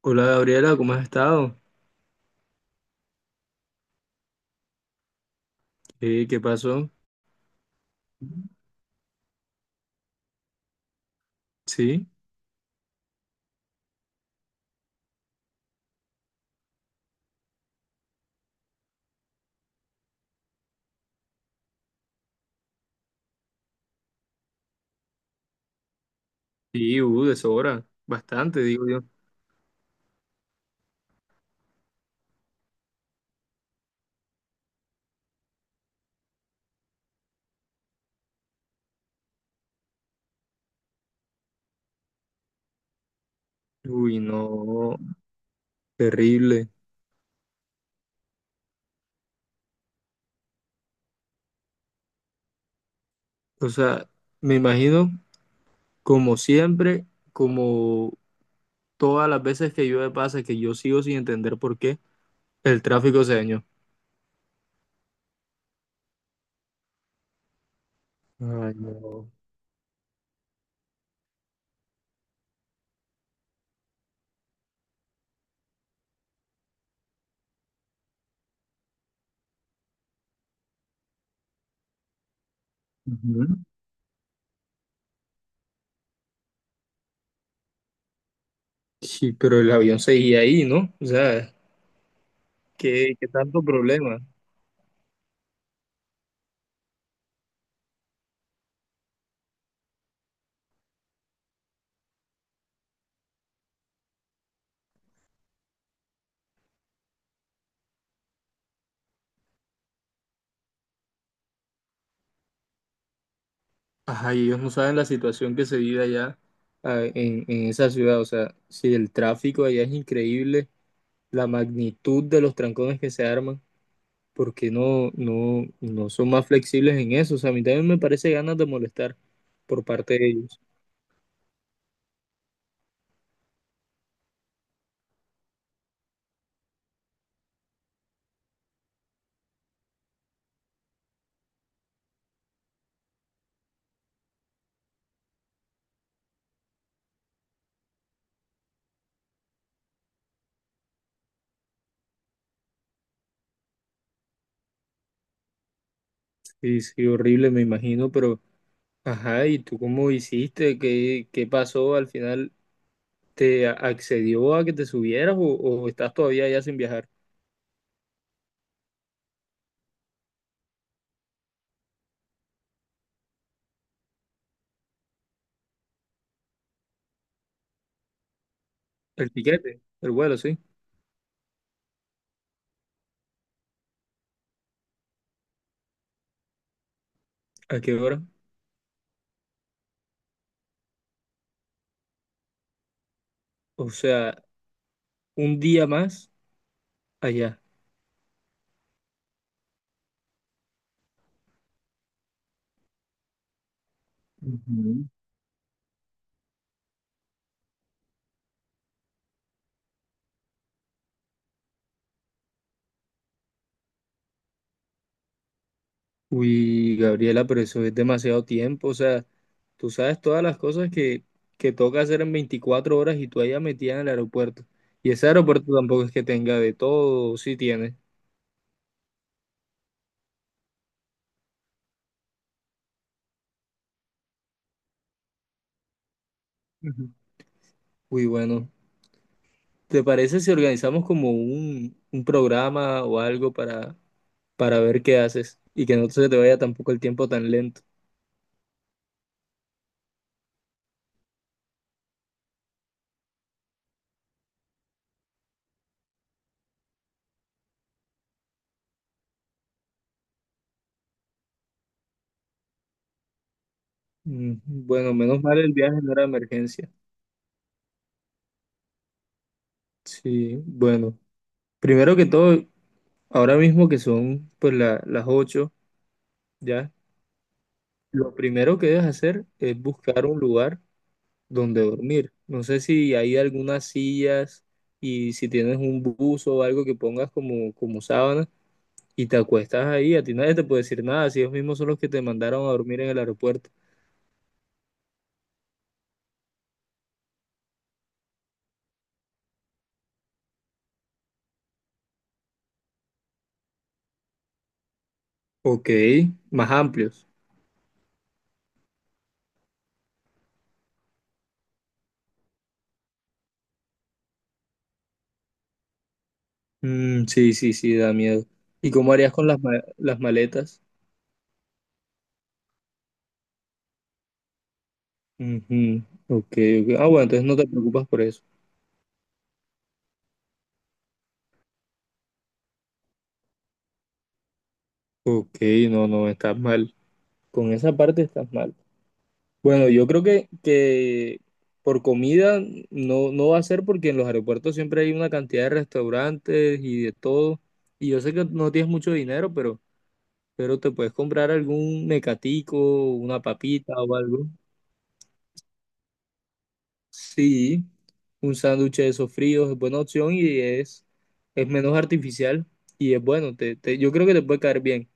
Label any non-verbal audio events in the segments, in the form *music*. Hola Gabriela, ¿cómo has estado? Qué pasó? Sí, sí, deshora, bastante, digo yo. Uy, no, terrible. O sea, me imagino, como siempre, como todas las veces que llueve pasa, que yo sigo sin entender por qué el tráfico se dañó. Ay, no. Ujú. Sí, pero el avión seguía ahí, ¿no? O sea, ¿qué tanto problema? Ajá, y ellos no saben la situación que se vive allá, en esa ciudad. O sea, si el tráfico allá es increíble, la magnitud de los trancones que se arman, porque no son más flexibles en eso? O sea, a mí también me parece ganas de molestar por parte de ellos. Sí, sí, horrible, me imagino, pero ajá, ¿y tú cómo hiciste? ¿Qué pasó al final? ¿Te accedió a que te subieras o estás todavía allá sin viajar? El tiquete, el vuelo, sí. ¿A qué hora? O sea, un día más allá. Ujú. Uy, Gabriela, pero eso es demasiado tiempo. O sea, tú sabes todas las cosas que toca hacer en 24 horas y tú allá metida en el aeropuerto. Y ese aeropuerto tampoco es que tenga de todo, sí tiene. Ujú. Uy, bueno, ¿te parece si organizamos como un programa o algo para ver qué haces y que no se te vaya tampoco el tiempo tan lento? Mm, bueno, menos mal el viaje no era emergencia. Sí, bueno, primero que todo, ahora mismo que son pues las ocho, ¿ya? Lo primero que debes hacer es buscar un lugar donde dormir. No sé si hay algunas sillas y si tienes un buzo o algo que pongas como sábana y te acuestas ahí, a ti nadie te puede decir nada, si ellos mismos son los que te mandaron a dormir en el aeropuerto. Ok, más amplios. Mm, sí, sí, sí, da miedo. ¿Y cómo harías con las, las maletas? Ujú, ok, ok. Ah, bueno, entonces no te preocupas por eso. Ok, no, no, estás mal. Con esa parte estás mal. Bueno, yo creo que por comida no, no va a ser porque en los aeropuertos siempre hay una cantidad de restaurantes y de todo. Y yo sé que no tienes mucho dinero, pero te puedes comprar algún mecatico, una papita o algo. Sí, un sándwich de esos fríos es buena opción y es menos artificial y es bueno. Yo creo que te puede caer bien.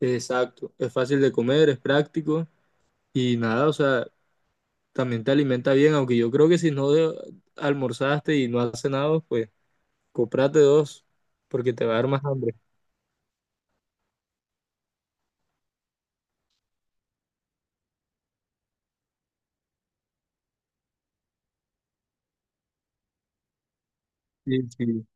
Exacto, es fácil de comer, es práctico y nada, o sea, también te alimenta bien, aunque yo creo que si no almorzaste y no has cenado, pues cómprate dos, porque te va a dar más hambre. Sí, sí.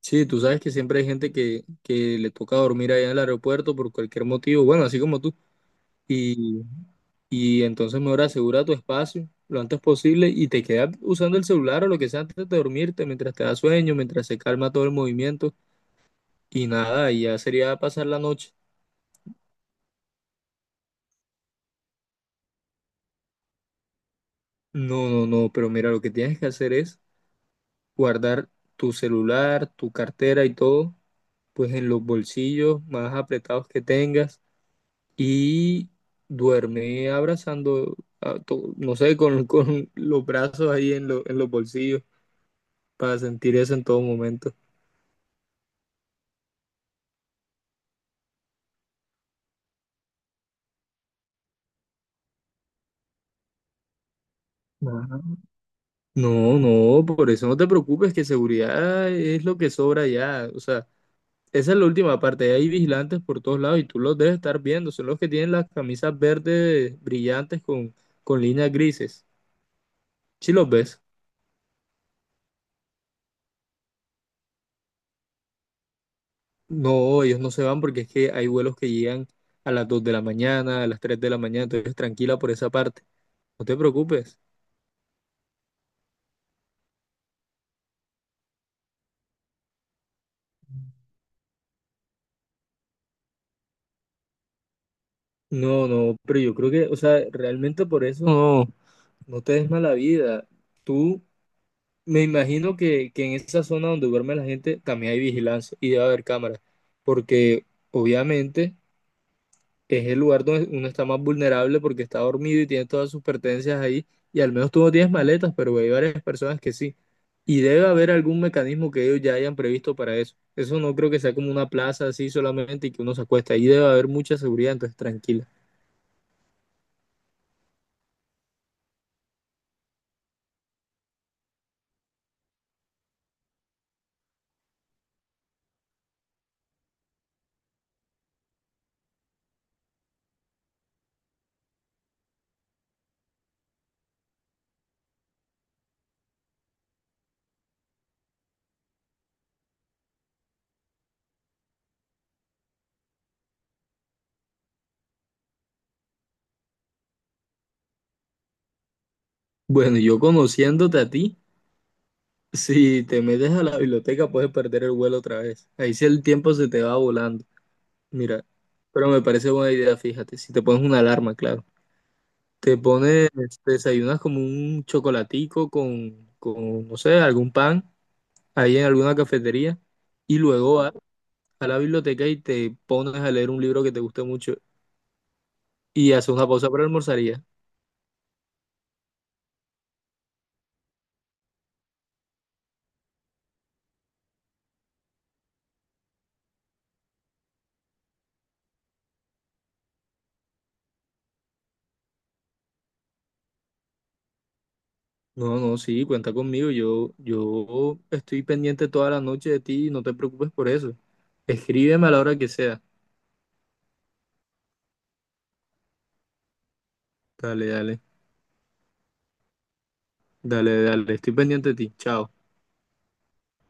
Sí, tú sabes que siempre hay gente que le toca dormir allá en el aeropuerto por cualquier motivo, bueno, así como tú. Y, y entonces mejor asegura tu espacio lo antes posible y te quedas usando el celular o lo que sea antes de dormirte, mientras te da sueño, mientras se calma todo el movimiento y nada, y ya sería pasar la noche. No, no, no, pero mira, lo que tienes que hacer es guardar tu celular, tu cartera y todo, pues en los bolsillos más apretados que tengas y duerme abrazando, a no sé, con, *laughs* con los brazos ahí en, en los bolsillos para sentir eso en todo momento. Ajá. No, no, por eso no te preocupes, que seguridad es lo que sobra ya. O sea, esa es la última parte. Hay vigilantes por todos lados y tú los debes estar viendo. Son los que tienen las camisas verdes brillantes con, líneas grises. ¿Sí los ves? No, ellos no se van porque es que hay vuelos que llegan a las 2 de la mañana, a las 3 de la mañana, entonces tranquila por esa parte, no te preocupes. No, no, pero yo creo que, o sea, realmente por eso no te des mala vida. Tú, me imagino que en esa zona donde duerme la gente también hay vigilancia y debe haber cámaras, porque obviamente es el lugar donde uno está más vulnerable porque está dormido y tiene todas sus pertenencias ahí. Y al menos tú no tienes maletas, pero hay varias personas que sí. Y debe haber algún mecanismo que ellos ya hayan previsto para eso. Eso no creo que sea como una plaza así solamente y que uno se acuesta. Ahí debe haber mucha seguridad, entonces tranquila. Bueno, yo conociéndote a ti, si te metes a la biblioteca puedes perder el vuelo otra vez. Ahí sí el tiempo se te va volando. Mira, pero me parece buena idea, fíjate, si te pones una alarma, claro. Te pones, te desayunas como un chocolatico con no sé, algún pan ahí en alguna cafetería y luego vas a la biblioteca y te pones a leer un libro que te guste mucho y haces una pausa para almorzar y ya. No, no, sí, cuenta conmigo. Yo estoy pendiente toda la noche de ti y no te preocupes por eso. Escríbeme a la hora que sea. Dale, dale, dale, dale. Estoy pendiente de ti. Chao.